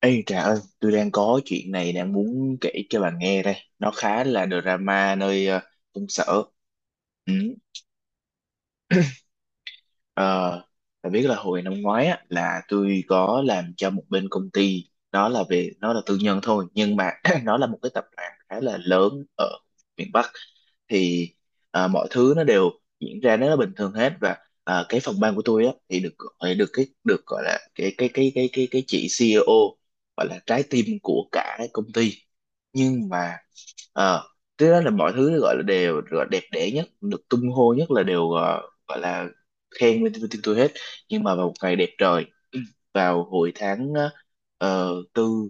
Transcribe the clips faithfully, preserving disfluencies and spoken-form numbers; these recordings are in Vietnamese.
Ê Trà ơi, tôi đang có chuyện này đang muốn kể cho bà nghe đây. Nó khá là drama nơi ờ, công sở. Ừ. Ờ, Bạn biết là hồi năm ngoái á, là tôi có làm cho một bên công ty nó là về nó là tư nhân thôi, nhưng mà nó là một cái tập đoàn khá là lớn ở miền Bắc. Thì à, mọi thứ nó đều diễn ra nó bình thường hết. Và à, cái phòng ban của tôi á, thì được gọi- được cái được gọi là cái cái cái cái cái cái chị xê i ô gọi là trái tim của cả công ty. Nhưng mà ờ cái đó là mọi thứ gọi là đều gọi là đẹp đẽ nhất, được tung hô nhất, là đều ờ, gọi là khen lên tin tôi hết. Nhưng mà vào một ngày đẹp trời, vào hồi tháng ờ, ờ, tư,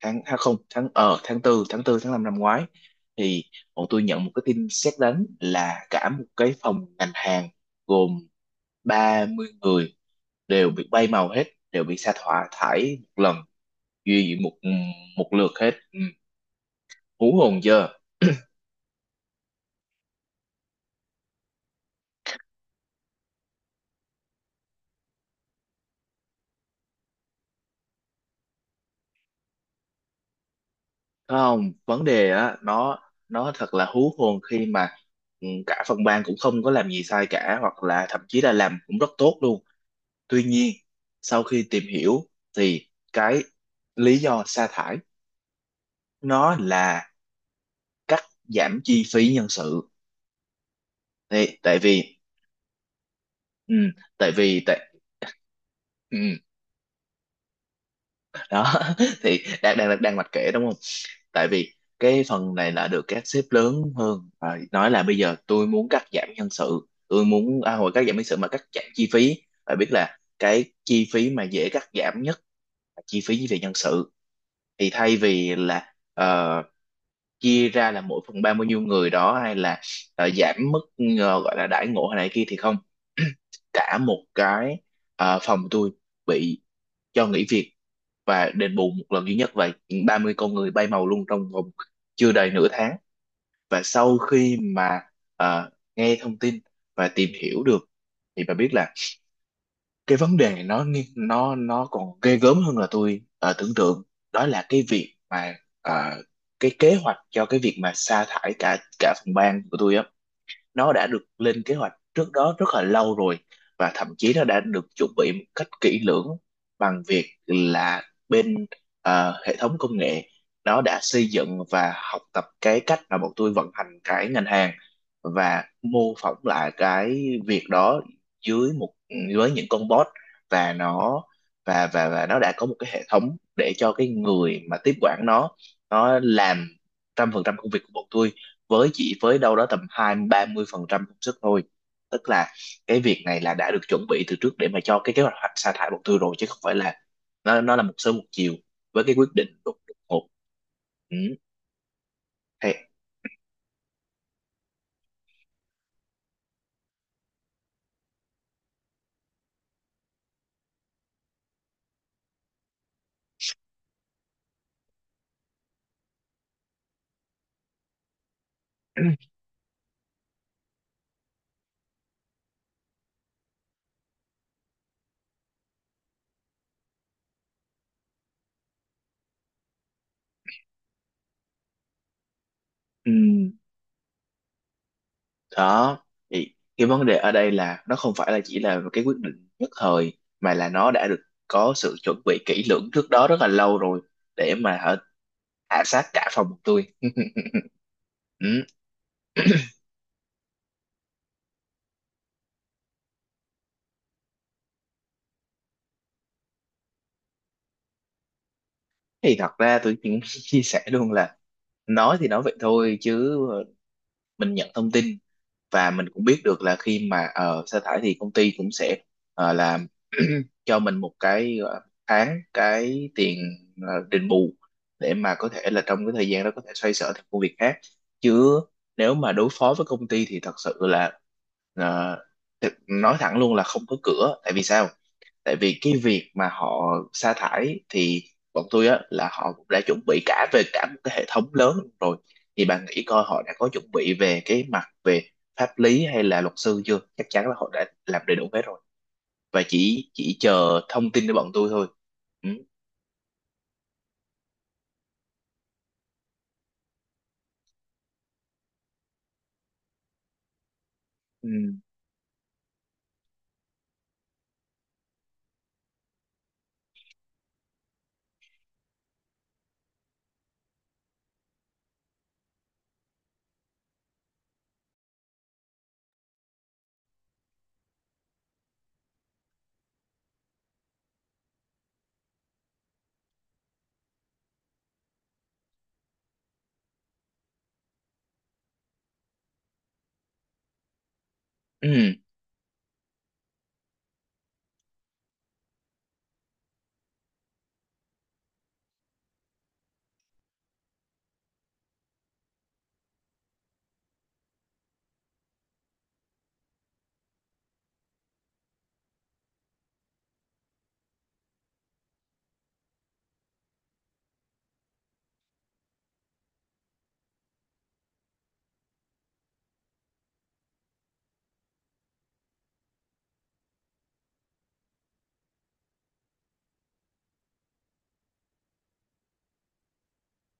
tháng à không, tháng ờ tháng tư, tháng tư tháng năm năm ngoái, thì bọn tôi nhận một cái tin sét đánh là cả một cái phòng ngành hàng gồm ba mươi người đều bị bay màu hết, đều bị sa thải thải một lần, duy một một lượt hết. Ừ. Hú hồn chưa. Không vấn đề á, nó nó thật là hú hồn khi mà, ừ, cả phòng ban cũng không có làm gì sai cả, hoặc là thậm chí là làm cũng rất tốt luôn. Tuy nhiên, sau khi tìm hiểu thì cái lý do sa thải nó là cắt giảm chi phí nhân sự. Thì tại vì, ừ, tại vì tại ừ. Đó, thì đang đang đang mạch kể đúng không. Tại vì cái phần này là được các sếp lớn hơn và nói là bây giờ tôi muốn cắt giảm nhân sự, tôi muốn à, hồi cắt giảm nhân sự mà cắt giảm chi phí. Phải biết là cái chi phí mà dễ cắt giảm nhất là chi phí về nhân sự. Thì thay vì là ờ, chia ra là mỗi phần ba bao nhiêu người đó, hay là ờ, giảm mức ờ, gọi là đãi ngộ hay này kia, thì không, cả một cái ờ, phòng tôi bị cho nghỉ việc và đền bù một lần duy nhất vậy. Ba mươi con người bay màu luôn trong vòng chưa đầy nửa tháng. Và sau khi mà, à, nghe thông tin và tìm hiểu được, thì bà biết là cái vấn đề này nó nghi- nó nó còn ghê gớm hơn là tôi à, tưởng tượng. Đó là cái việc mà, à, cái kế hoạch cho cái việc mà sa thải cả cả phòng ban của tôi á, nó đã được lên kế hoạch trước đó rất là lâu rồi, và thậm chí nó đã được chuẩn bị một cách kỹ lưỡng, bằng việc là bên ờ, hệ thống công nghệ nó đã xây dựng và học tập cái cách mà bọn tôi vận hành cái ngành hàng, và mô phỏng lại cái việc đó dưới một, dưới những con bot. Và nó và và và nó đã có một cái hệ thống để cho cái người mà tiếp quản nó nó làm trăm phần trăm công việc của bọn tôi với chỉ với đâu đó tầm hai mươi ba mươi phần trăm công sức thôi. Tức là cái việc này là đã được chuẩn bị từ trước để mà cho cái kế hoạch sa thải bộ tư rồi, chứ không phải là nó nó là một sớm một chiều với cái quyết định đột đột ngột. Ừ. Thì, ừ. Đó, thì cái vấn đề ở đây là nó không phải là chỉ là cái quyết định nhất thời, mà là nó đã được có sự chuẩn bị kỹ lưỡng trước đó rất là lâu rồi, để mà hả, hạ sát cả phòng tôi. Ừ. Thì thật ra tôi cũng chia sẻ luôn là, nói thì nói vậy thôi chứ, mình nhận thông tin và mình cũng biết được là khi mà ờ, sa thải thì công ty cũng sẽ ờ, làm cho mình một cái ờ, tháng cái tiền ờ, đền bù, để mà có thể là trong cái thời gian đó có thể xoay sở thêm công việc khác. Chứ nếu mà đối phó với công ty thì thật sự là, ờ, thực- nói thẳng luôn là không có cửa. Tại vì sao? Tại vì cái việc mà họ sa thải thì bọn tôi á là họ cũng đã chuẩn bị cả về cả một cái hệ thống lớn rồi. Thì bạn nghĩ coi, họ đã có chuẩn bị về cái mặt về pháp lý hay là luật sư chưa? Chắc chắn là họ đã làm đầy đủ hết rồi, và chỉ chỉ chờ thông tin của bọn tôi thôi. Ừ. Ừ. Ừ.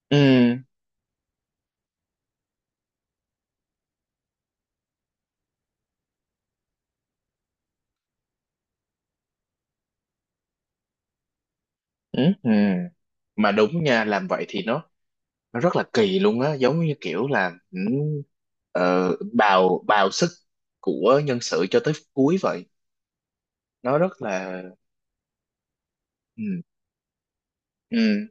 Ừ. Ừ. Ừ. Mà đúng nha, làm vậy thì nó nó rất là kỳ luôn á, giống như kiểu là ừ, ờ, bào bào sức của nhân sự cho tới cuối vậy. Nó rất là, ừ, ừ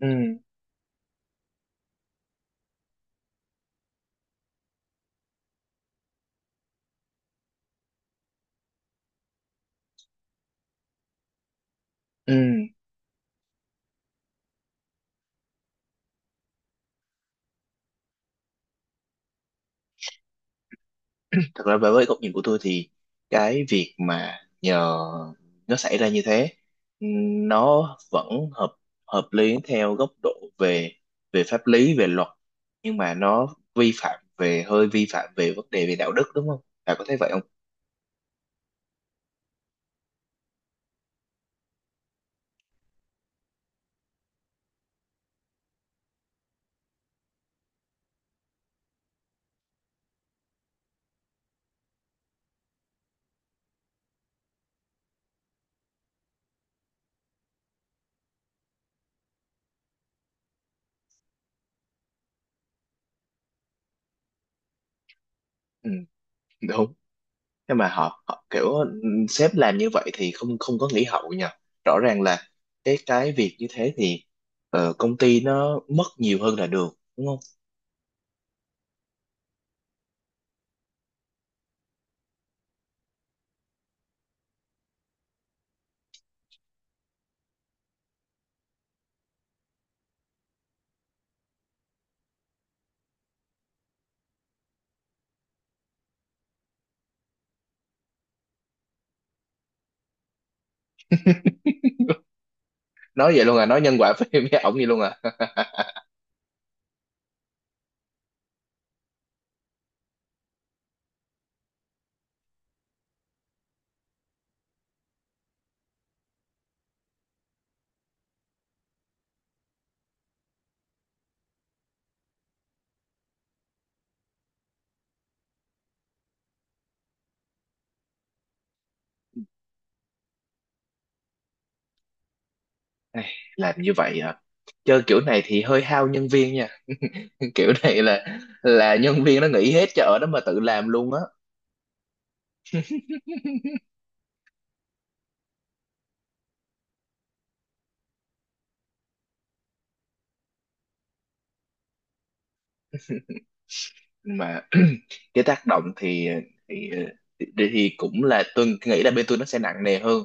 ừ ừ thật ra với với góc nhìn của tôi thì cái việc mà nhờ nó xảy ra như thế, nó vẫn hợp, hợp lý theo góc độ về, về pháp lý về luật, nhưng mà nó vi phạm về, hơi vi phạm về vấn đề về đạo đức, đúng không, bà có thấy vậy không. Ừ, đúng. Nhưng mà họ, họ kiểu ừm, sếp làm như vậy thì không, không có nghỉ hậu nha. Rõ ràng là cái cái việc như thế thì ờ, công ty nó mất nhiều hơn là được, đúng không. Nói vậy luôn à, nói nhân quả với với ổng vậy luôn à. Ai, làm như vậy à, chơi kiểu này thì hơi hao nhân viên nha. Kiểu này là là nhân viên nó nghỉ hết chợ đó mà tự làm luôn á. Mà cái tác động thì thì, ờ, thì thì cũng là tôi nghĩ là bên tôi nó sẽ nặng nề hơn.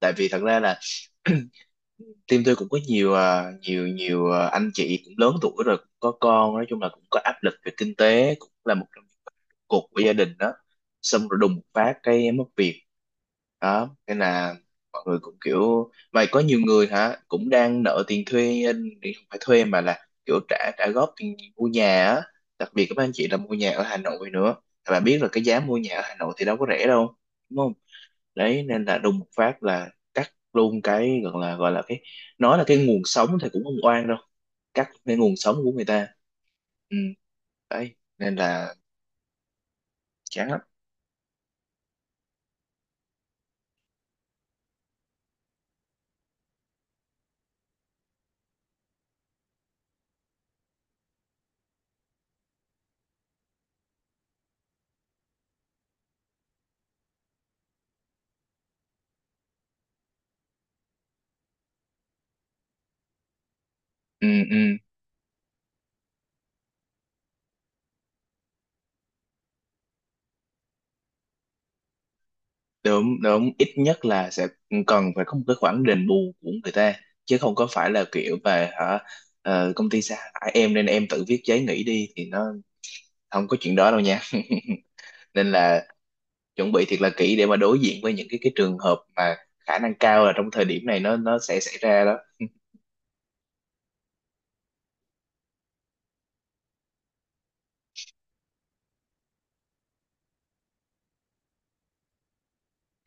Tại vì thật ra là, team tôi cũng có nhiều, à, nhiều nhiều à, anh chị cũng lớn tuổi rồi, cũng có con, nói chung là cũng có áp lực về kinh tế, cũng là một trong những cột của gia đình đó. Xong rồi đùng một phát cái em mất việc. Đó nên là mọi người cũng kiểu mà có nhiều người hả cũng đang nợ tiền thuê, thì không phải thuê mà là kiểu trả trả góp tiền mua nhà á. Đặc biệt các anh chị là mua nhà ở Hà Nội nữa. Và bạn biết là cái giá mua nhà ở Hà Nội thì đâu có rẻ đâu, đúng. Đấy nên là đùng một phát là cắt luôn cái gọi là gọi là cái, nói là cái nguồn sống thì cũng không oan đâu, cắt cái nguồn sống của người ta. Ừ, đấy nên là chán lắm. Ừ, ừ, đúng đúng. Ít nhất là sẽ cần phải có một cái khoản đền bù của người ta, chứ không có phải là kiểu về hả, ờ, công ty sa thải em nên em tự viết giấy nghỉ đi, thì nó không có chuyện đó đâu nha. Nên là chuẩn bị thiệt là kỹ để mà đối diện với những cái cái trường hợp mà khả năng cao là trong thời điểm này nó nó sẽ xảy ra đó.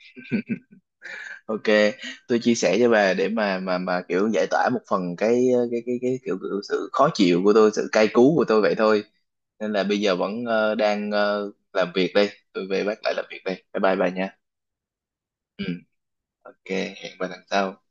Ok, tôi chia sẻ cho bà để mà mà mà kiểu giải tỏa một phần cái cái cái cái kiểu, kiểu sự khó chịu của tôi, sự cay cú của tôi vậy thôi. Nên là bây giờ vẫn ờ, đang ờ, làm việc đây, tôi về bắt lại làm việc đây, bye bye bà nha. Ừ. Ok. Hẹn bà lần sau.